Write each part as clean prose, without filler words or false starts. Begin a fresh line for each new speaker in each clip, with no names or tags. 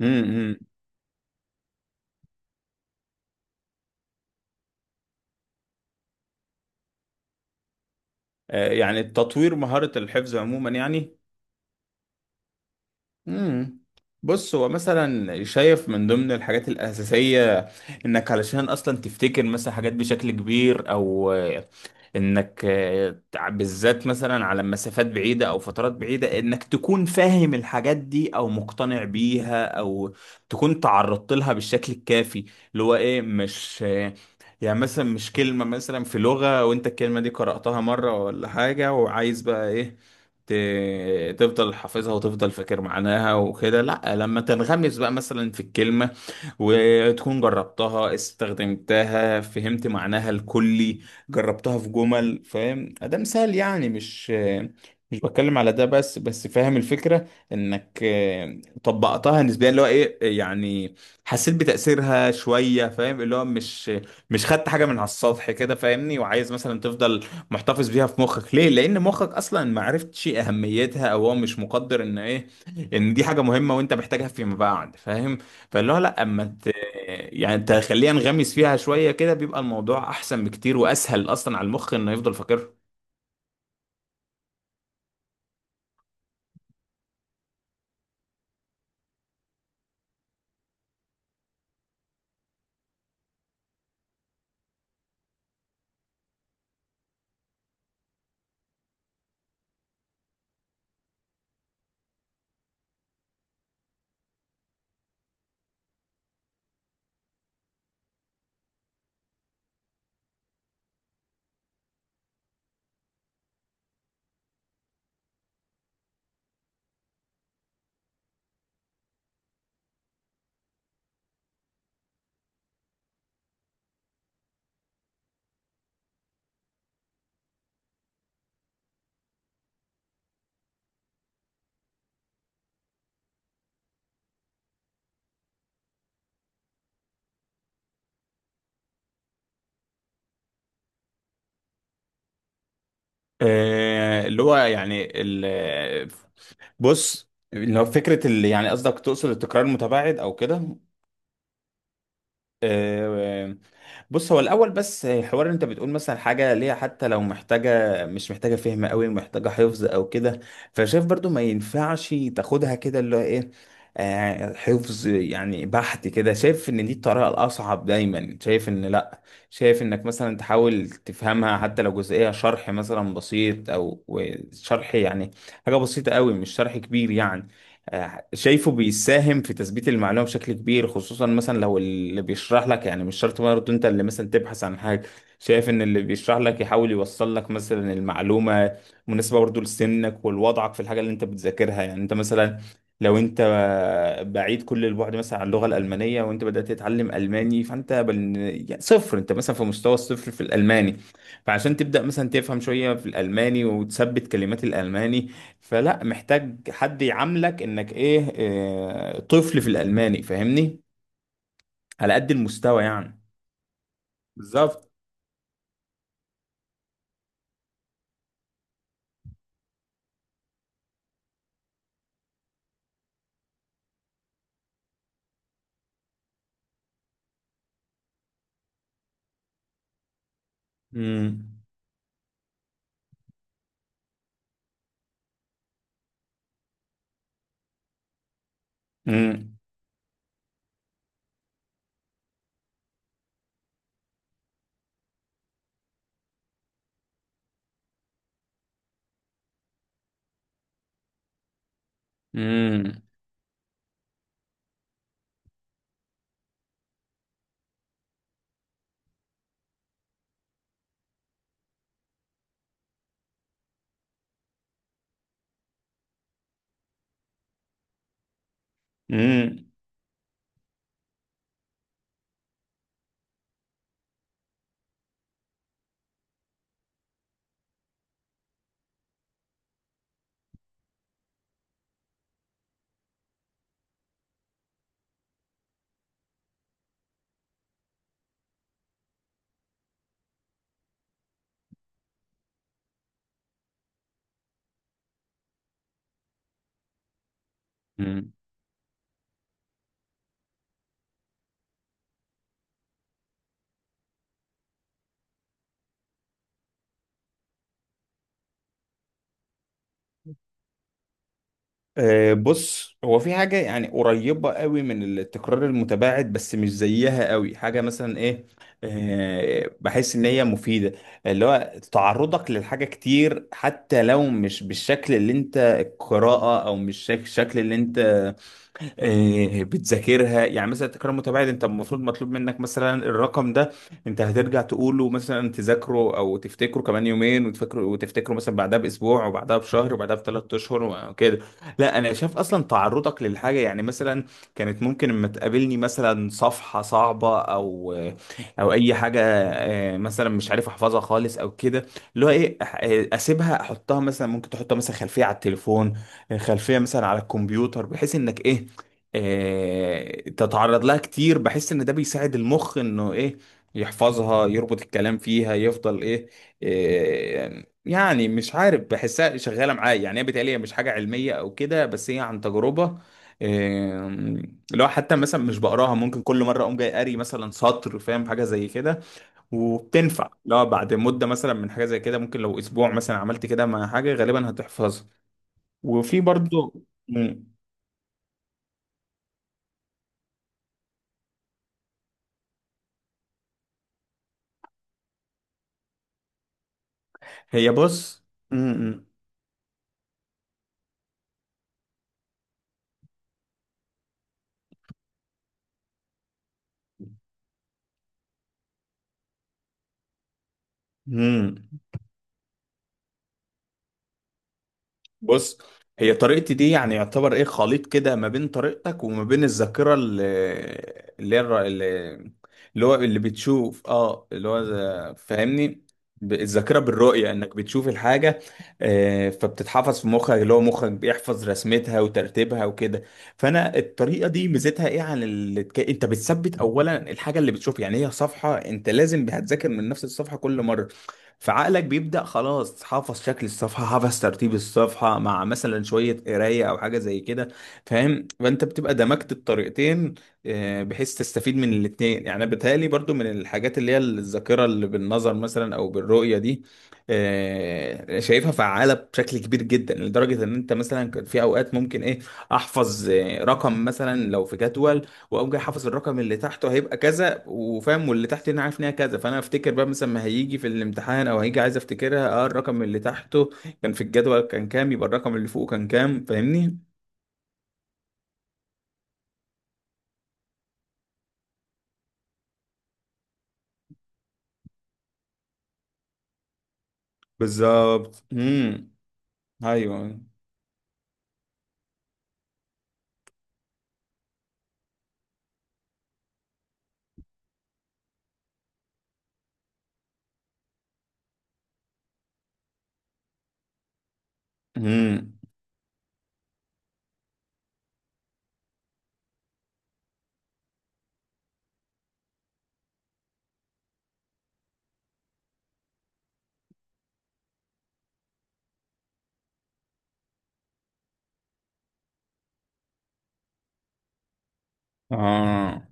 امم امم. يعني تطوير مهارة الحفظ عموما يعني. امم. بص هو مثلا شايف من ضمن الحاجات الأساسية انك علشان اصلا تفتكر مثلا حاجات بشكل كبير او آه، بالذات مثلا على مسافات بعيدة او فترات بعيدة انك تكون فاهم الحاجات دي او مقتنع بيها او تكون تعرضت لها بالشكل الكافي. اللي هو ايه مش آه، يعني مثلا مش كلمة مثلا في لغة وانت الكلمة دي قرأتها مرة ولا حاجة، وعايز بقى ايه تفضل حافظها وتفضل فاكر معناها وكده. لا، لما تنغمس بقى مثلا في الكلمة، وتكون جربتها استخدمتها فهمت معناها الكلي، جربتها في جمل، فاهم، ده مثال يعني. مش بتكلم على ده بس فاهم الفكرة، انك آه، طبقتها نسبيا، اللي هو ايه يعني حسيت بتأثيرها شوية، فاهم، اللي هو مش خدت حاجة من على السطح كده، فاهمني، وعايز مثلا تفضل محتفظ بيها في مخك. ليه؟ لان مخك اصلا ما عرفتش اهميتها، او هو مش مقدر ان ايه ان دي حاجة مهمة وانت محتاجها فيما بعد، فاهم. فاللي هو لا، يعني تخليها نغمس فيها شويه كده بيبقى الموضوع احسن بكتير، واسهل اصلا على المخ انه يفضل فاكرها. آه، اللي هو يعني ال... بص، لو فكره اللي يعني قصدك تقصد التكرار المتباعد او كده. آه، بص هو الاول بس حوار إن انت بتقول مثلا حاجه ليها، حتى لو محتاجه مش محتاجه فهم قوي، محتاجه حفظ او كده، فشايف برضو ما ينفعش تاخدها كده اللي هو ايه حفظ يعني بحت كده. شايف ان دي الطريقه الاصعب. دايما شايف ان لا، شايف انك مثلا تحاول تفهمها حتى لو جزئيه، شرح مثلا بسيط، او شرح يعني حاجه بسيطه قوي، مش شرح كبير يعني. شايفه بيساهم في تثبيت المعلومة بشكل كبير، خصوصا مثلا لو اللي بيشرح لك، يعني مش شرط برضه انت اللي مثلا تبحث عن حاجة، شايف ان اللي بيشرح لك يحاول يوصل لك مثلا المعلومة مناسبة برضه لسنك ولوضعك في الحاجة اللي انت بتذاكرها. يعني انت مثلا، لو انت بعيد كل البعد مثلا عن اللغة الألمانية، وانت بدأت تتعلم ألماني يعني صفر، انت مثلا في مستوى الصفر في الألماني، فعشان تبدأ مثلا تفهم شوية في الألماني وتثبت كلمات الألماني، فلا، محتاج حد يعاملك انك إيه طفل في الالماني، فاهمني، على قد المستوى يعني. بالظبط. امم امم امم امم أمم. بص هو في حاجة يعني قريبة قوي من التكرار المتباعد، بس مش زيها قوي. حاجة مثلا ايه بحس ان هي مفيدة، اللي هو تعرضك للحاجة كتير، حتى لو مش بالشكل اللي انت القراءة، او مش شك- الشكل اللي انت بتذاكرها. يعني مثلا التكرار المتباعد، انت المفروض مطلوب منك مثلا الرقم ده انت هترجع تقوله، مثلا تذاكره او تفتكره كمان يومين، وتفكره وتفتكره مثلا بعدها باسبوع، وبعدها بشهر، وبعدها بثلاث اشهر وكده. لا، انا شايف اصلا تعرضك للحاجه يعني، مثلا كانت ممكن اما تقابلني مثلا صفحه صعبه، او او اي حاجه، مثلا مش عارف احفظها خالص او كده، اللي هو ايه اسيبها، احطها مثلا، ممكن تحطها مثلا خلفيه على التليفون، خلفيه مثلا على الكمبيوتر، بحيث انك ايه تتعرض لها كتير. بحس ان ده بيساعد المخ انه ايه يحفظها، يربط الكلام فيها، يفضل ايه يعني مش عارف، بحسها شغاله معايا يعني. هي بيتهيألي هي مش حاجه علميه او كده، بس هي عن تجربه. آه، لو حتى مثلا مش بقراها، ممكن كل مره اقوم جاي قاري مثلا سطر، فاهم، حاجه زي كده، وبتنفع. لو بعد مده مثلا من حاجه زي كده، ممكن لو اسبوع مثلا عملت كده مع حاجه، غالبا هتحفظها. وفي برضو مم. هي بص. امم. بص هي طريقتي دي يعني يعتبر ايه خليط كده، ما بين طريقتك وما بين الذاكره اللي هي اللي هو اللي بتشوف، اه، اللي هو فاهمني، الذاكره بالرؤيه، انك بتشوف الحاجه. آه، فبتتحفظ في مخك، اللي هو مخك بيحفظ رسمتها وترتيبها وكده. فانا الطريقه دي ميزتها ايه عن انت بتثبت اولا الحاجه اللي بتشوفها. يعني هي صفحه، انت لازم هتذاكر من نفس الصفحه كل مره، فعقلك بيبدأ خلاص حافظ شكل الصفحة، حافظ ترتيب الصفحة، مع مثلا شوية قراية أو حاجة زي كده، فاهم، فأنت بتبقى دمجت الطريقتين، بحيث تستفيد من الاتنين. يعني بيتهيألي برضو من الحاجات اللي هي الذاكرة اللي بالنظر مثلا أو بالرؤية دي، شايفها فعالة بشكل كبير جدا، لدرجة إن أنت مثلا كان في أوقات ممكن إيه أحفظ رقم مثلا لو في جدول، واقوم جاي حافظ الرقم اللي تحته هيبقى كذا، وفاهم واللي تحت هنا عارف ان هي كذا، فانا افتكر بقى مثلا ما هيجي في الامتحان، او هيجي عايز افتكرها، الرقم اللي تحته كان في الجدول كان كام، يبقى الرقم اللي فوقه كان كام، فاهمني. بالظبط. امم. ايوه. امم. اه،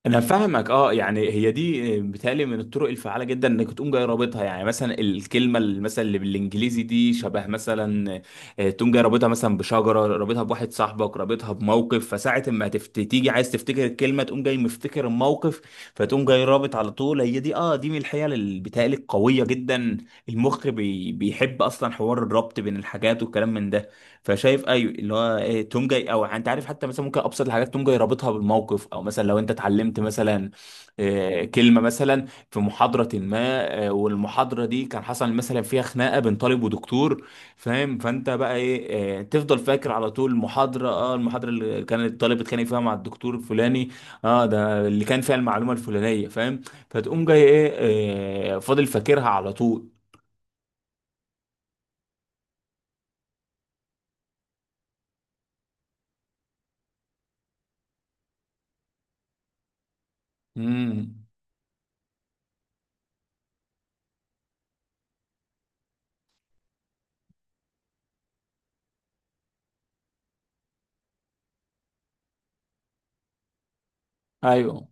انا فاهمك. اه، يعني هي دي بتالي من الطرق الفعاله جدا، انك تقوم جاي رابطها، يعني مثلا الكلمه مثلا اللي بالانجليزي دي شبه مثلا تقوم جاي رابطها مثلا بشجره، رابطها بواحد صاحبك، رابطها بموقف، فساعه ما تيجي عايز تفتكر الكلمه تقوم جاي مفتكر الموقف، فتقوم جاي رابط على طول. هي دي، اه، دي من الحيل اللي بتالي القويه جدا. المخ بيحب اصلا حوار الربط بين الحاجات والكلام من ده. فشايف، ايوه، اللي هو إيه توم جاي، او انت عارف، حتى مثلا ممكن ابسط الحاجات توم جاي رابطها بالموقف، او مثلا لو انت اتعلمت مثلا كلمه مثلا في محاضره ما، والمحاضره دي كان حصل مثلا فيها خناقه بين طالب ودكتور، فاهم، فانت بقى ايه تفضل فاكر على طول المحاضره اللي كان الطالب اتخانق فيها مع الدكتور الفلاني، اه ده اللي كان فيها المعلومه الفلانيه، فاهم، فتقوم جاي ايه فاضل فاكرها على طول. امم. ايوه.